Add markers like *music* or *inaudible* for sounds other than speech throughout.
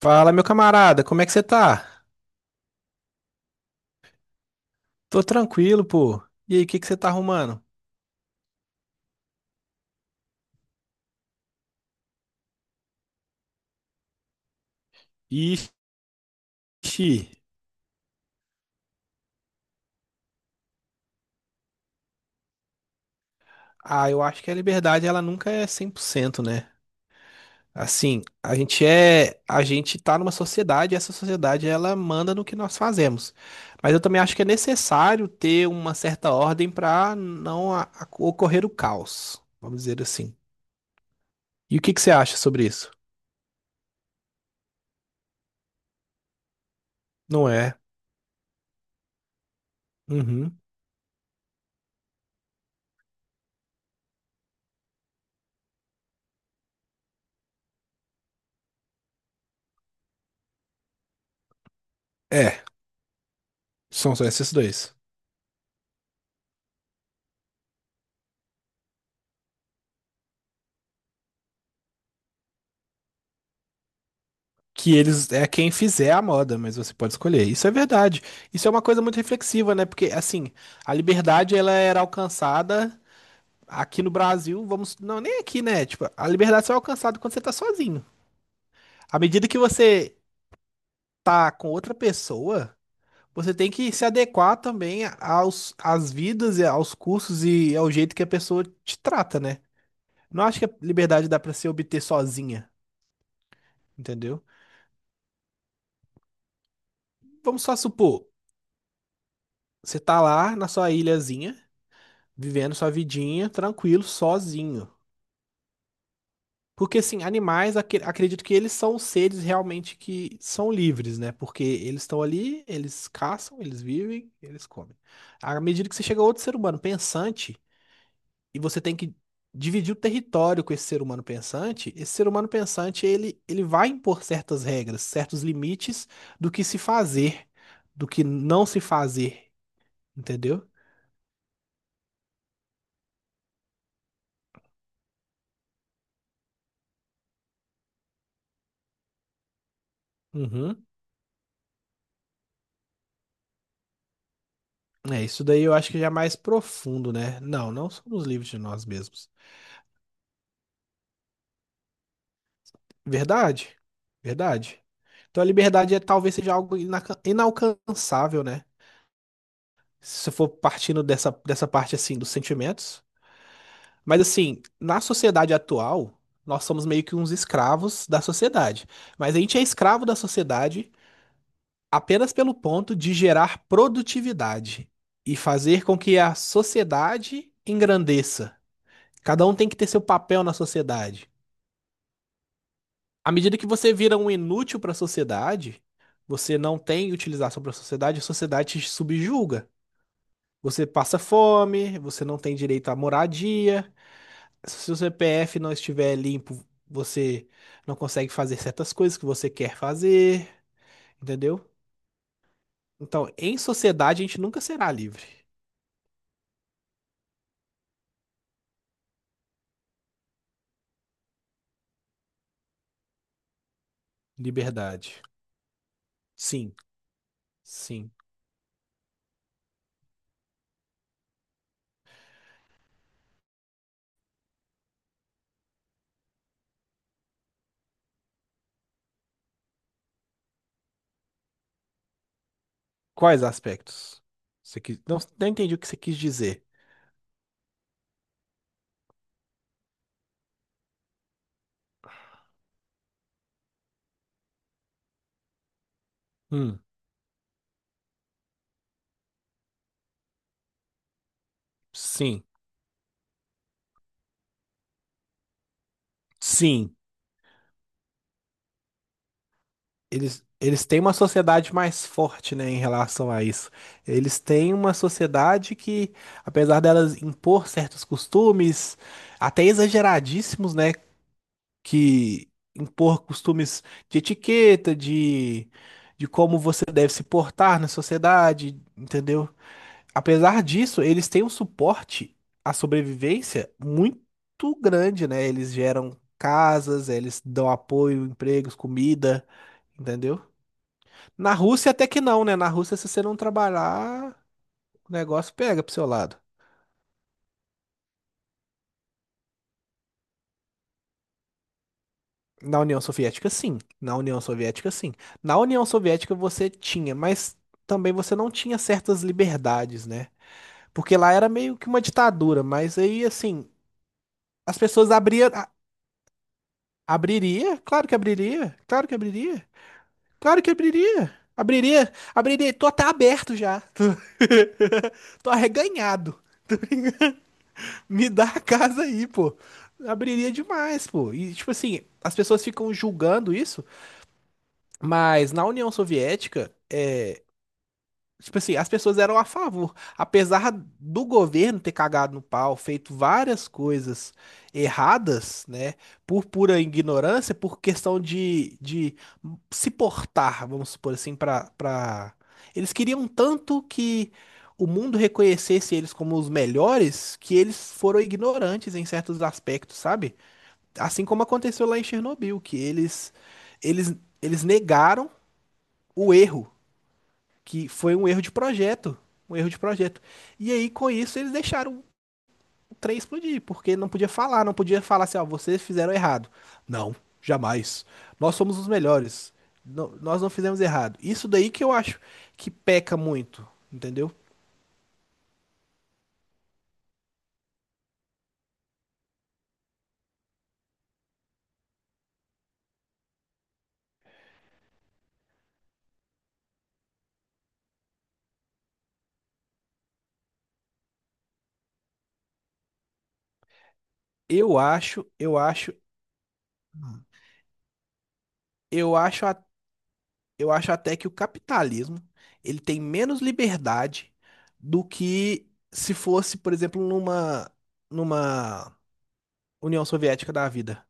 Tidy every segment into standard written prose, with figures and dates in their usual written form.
Fala, meu camarada, como é que você tá? Tô tranquilo, pô. E aí, o que que você tá arrumando? Ixi. Ah, eu acho que a liberdade ela nunca é 100%, né? Assim, a gente tá numa sociedade, e essa sociedade ela manda no que nós fazemos. Mas eu também acho que é necessário ter uma certa ordem pra não ocorrer o caos, vamos dizer assim. E o que que você acha sobre isso? Não é? Uhum. É, são só esses dois. Que eles é quem fizer a moda, mas você pode escolher. Isso é verdade. Isso é uma coisa muito reflexiva, né? Porque assim, a liberdade ela era alcançada aqui no Brasil, vamos, não, nem aqui, né? Tipo, a liberdade só é alcançada quando você tá sozinho. À medida que você tá com outra pessoa, você tem que se adequar também aos às vidas e aos cursos e ao jeito que a pessoa te trata, né? Não acho que a liberdade dá pra se obter sozinha, entendeu? Vamos só supor, você tá lá na sua ilhazinha, vivendo sua vidinha tranquilo, sozinho. Porque, assim, animais, acredito que eles são os seres realmente que são livres, né? Porque eles estão ali, eles caçam, eles vivem, eles comem. À medida que você chega a outro ser humano pensante e você tem que dividir o território com esse ser humano pensante, esse ser humano pensante, ele vai impor certas regras, certos limites do que se fazer, do que não se fazer, entendeu? Uhum. É, isso daí eu acho que já é mais profundo, né? Não, não somos livres de nós mesmos. Verdade? Verdade. Então a liberdade é, talvez seja algo inalcançável, né? Se for partindo dessa parte assim dos sentimentos. Mas assim, na sociedade atual, nós somos meio que uns escravos da sociedade. Mas a gente é escravo da sociedade apenas pelo ponto de gerar produtividade e fazer com que a sociedade engrandeça. Cada um tem que ter seu papel na sociedade. À medida que você vira um inútil para a sociedade, você não tem utilização para a sociedade te subjuga. Você passa fome, você não tem direito à moradia. Se o seu CPF não estiver limpo, você não consegue fazer certas coisas que você quer fazer, entendeu? Então, em sociedade, a gente nunca será livre. Liberdade. Sim, sim. Quais aspectos? Você quis... Não, não entendi o que você quis dizer. Hum, sim, sim. Eles têm uma sociedade mais forte, né, em relação a isso. Eles têm uma sociedade que, apesar delas impor certos costumes, até exageradíssimos, né, que impor costumes de etiqueta, de como você deve se portar na sociedade, entendeu? Apesar disso, eles têm um suporte à sobrevivência muito grande, né? Eles geram casas, eles dão apoio, empregos, comida, entendeu? Na Rússia até que não, né? Na Rússia, se você não trabalhar, o negócio pega pro seu lado. Na União Soviética, sim. Na União Soviética, sim. Na União Soviética você tinha, mas também você não tinha certas liberdades, né? Porque lá era meio que uma ditadura, mas aí, assim, as pessoas abriam. Abriria? Claro que abriria. Claro que abriria. Claro que abriria. Abriria. Abriria. Tô até aberto já. *laughs* Tô arreganhado. Me dá a casa aí, pô. Abriria demais, pô. E, tipo assim, as pessoas ficam julgando isso, mas na União Soviética, é, tipo assim, as pessoas eram a favor. Apesar do governo ter cagado no pau, feito várias coisas erradas, né? Por pura ignorância, por questão de se portar, vamos supor assim, eles queriam tanto que o mundo reconhecesse eles como os melhores, que eles foram ignorantes em certos aspectos, sabe? Assim como aconteceu lá em Chernobyl, que eles, eles negaram o erro, que foi um erro de projeto, um erro de projeto. E aí com isso eles deixaram o trem explodir, porque não podia falar, não podia falar assim, ó, vocês fizeram errado. Não, jamais. Nós somos os melhores. Nós não fizemos errado. Isso daí que eu acho que peca muito, entendeu? Eu acho, eu acho, eu acho, a- eu acho até que o capitalismo ele tem menos liberdade do que se fosse, por exemplo, numa numa União Soviética da vida.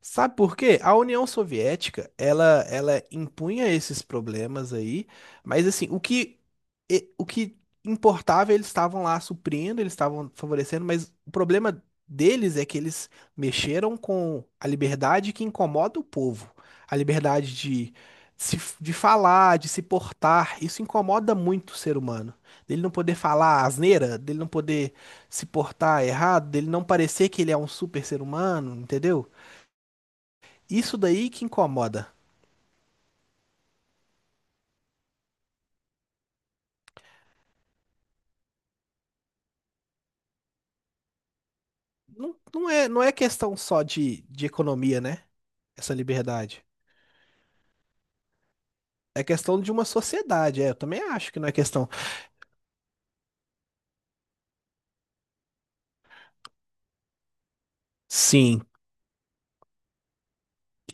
Sabe por quê? A União Soviética, ela impunha esses problemas aí, mas assim, o que importava, eles estavam lá suprindo, eles estavam favorecendo, mas o problema deles é que eles mexeram com a liberdade que incomoda o povo, a liberdade de, se, de falar, de se portar, isso incomoda muito o ser humano. Dele não poder falar asneira, dele não poder se portar errado, dele não parecer que ele é um super ser humano, entendeu? Isso daí que incomoda. Não, não é questão só de economia, né? Essa liberdade. É questão de uma sociedade. É, eu também acho que não é questão. Sim,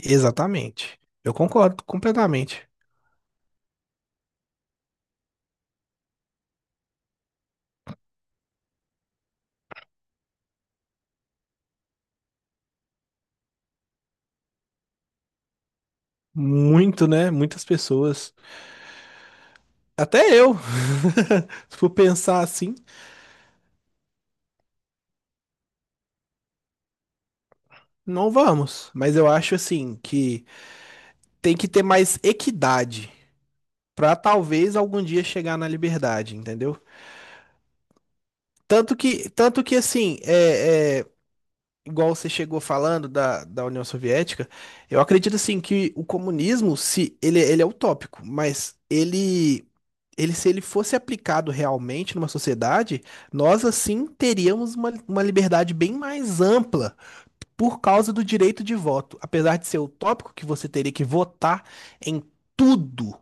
exatamente. Eu concordo completamente. Muito, né? Muitas pessoas. Até eu. *laughs* Se for pensar assim, não vamos. Mas eu acho assim que tem que ter mais equidade para talvez algum dia chegar na liberdade, entendeu? Tanto que, assim, é, igual você chegou falando da União Soviética, eu acredito assim que o comunismo, se ele, ele é utópico, mas ele se ele fosse aplicado realmente numa sociedade, nós assim teríamos uma liberdade bem mais ampla por causa do direito de voto. Apesar de ser utópico que você teria que votar em tudo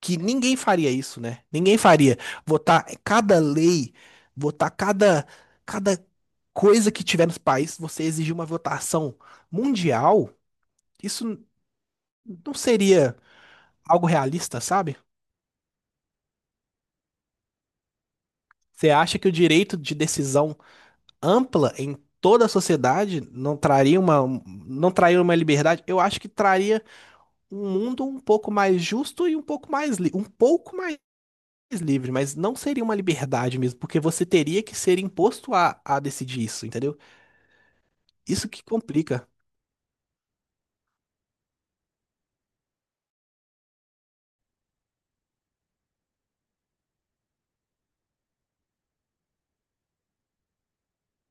que ninguém faria isso, né? Ninguém faria. Votar cada lei, votar cada coisa que tiver nos países, você exigir uma votação mundial, isso n- não seria algo realista, sabe? Você acha que o direito de decisão ampla em toda a sociedade não traria não traria uma liberdade? Eu acho que traria um mundo um pouco mais justo e um pouco mais livre, mas não seria uma liberdade mesmo, porque você teria que ser imposto a decidir isso, entendeu? Isso que complica.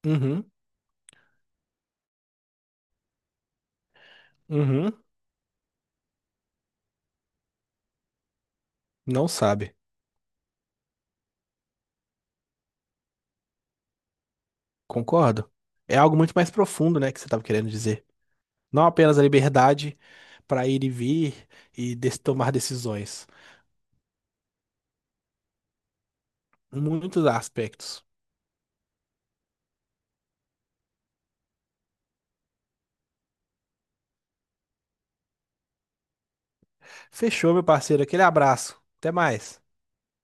Uhum, uhum, não sabe. Concordo. É algo muito mais profundo, né, que você estava querendo dizer. Não apenas a liberdade para ir e vir e tomar decisões. Muitos aspectos. Fechou, meu parceiro. Aquele abraço. Até mais.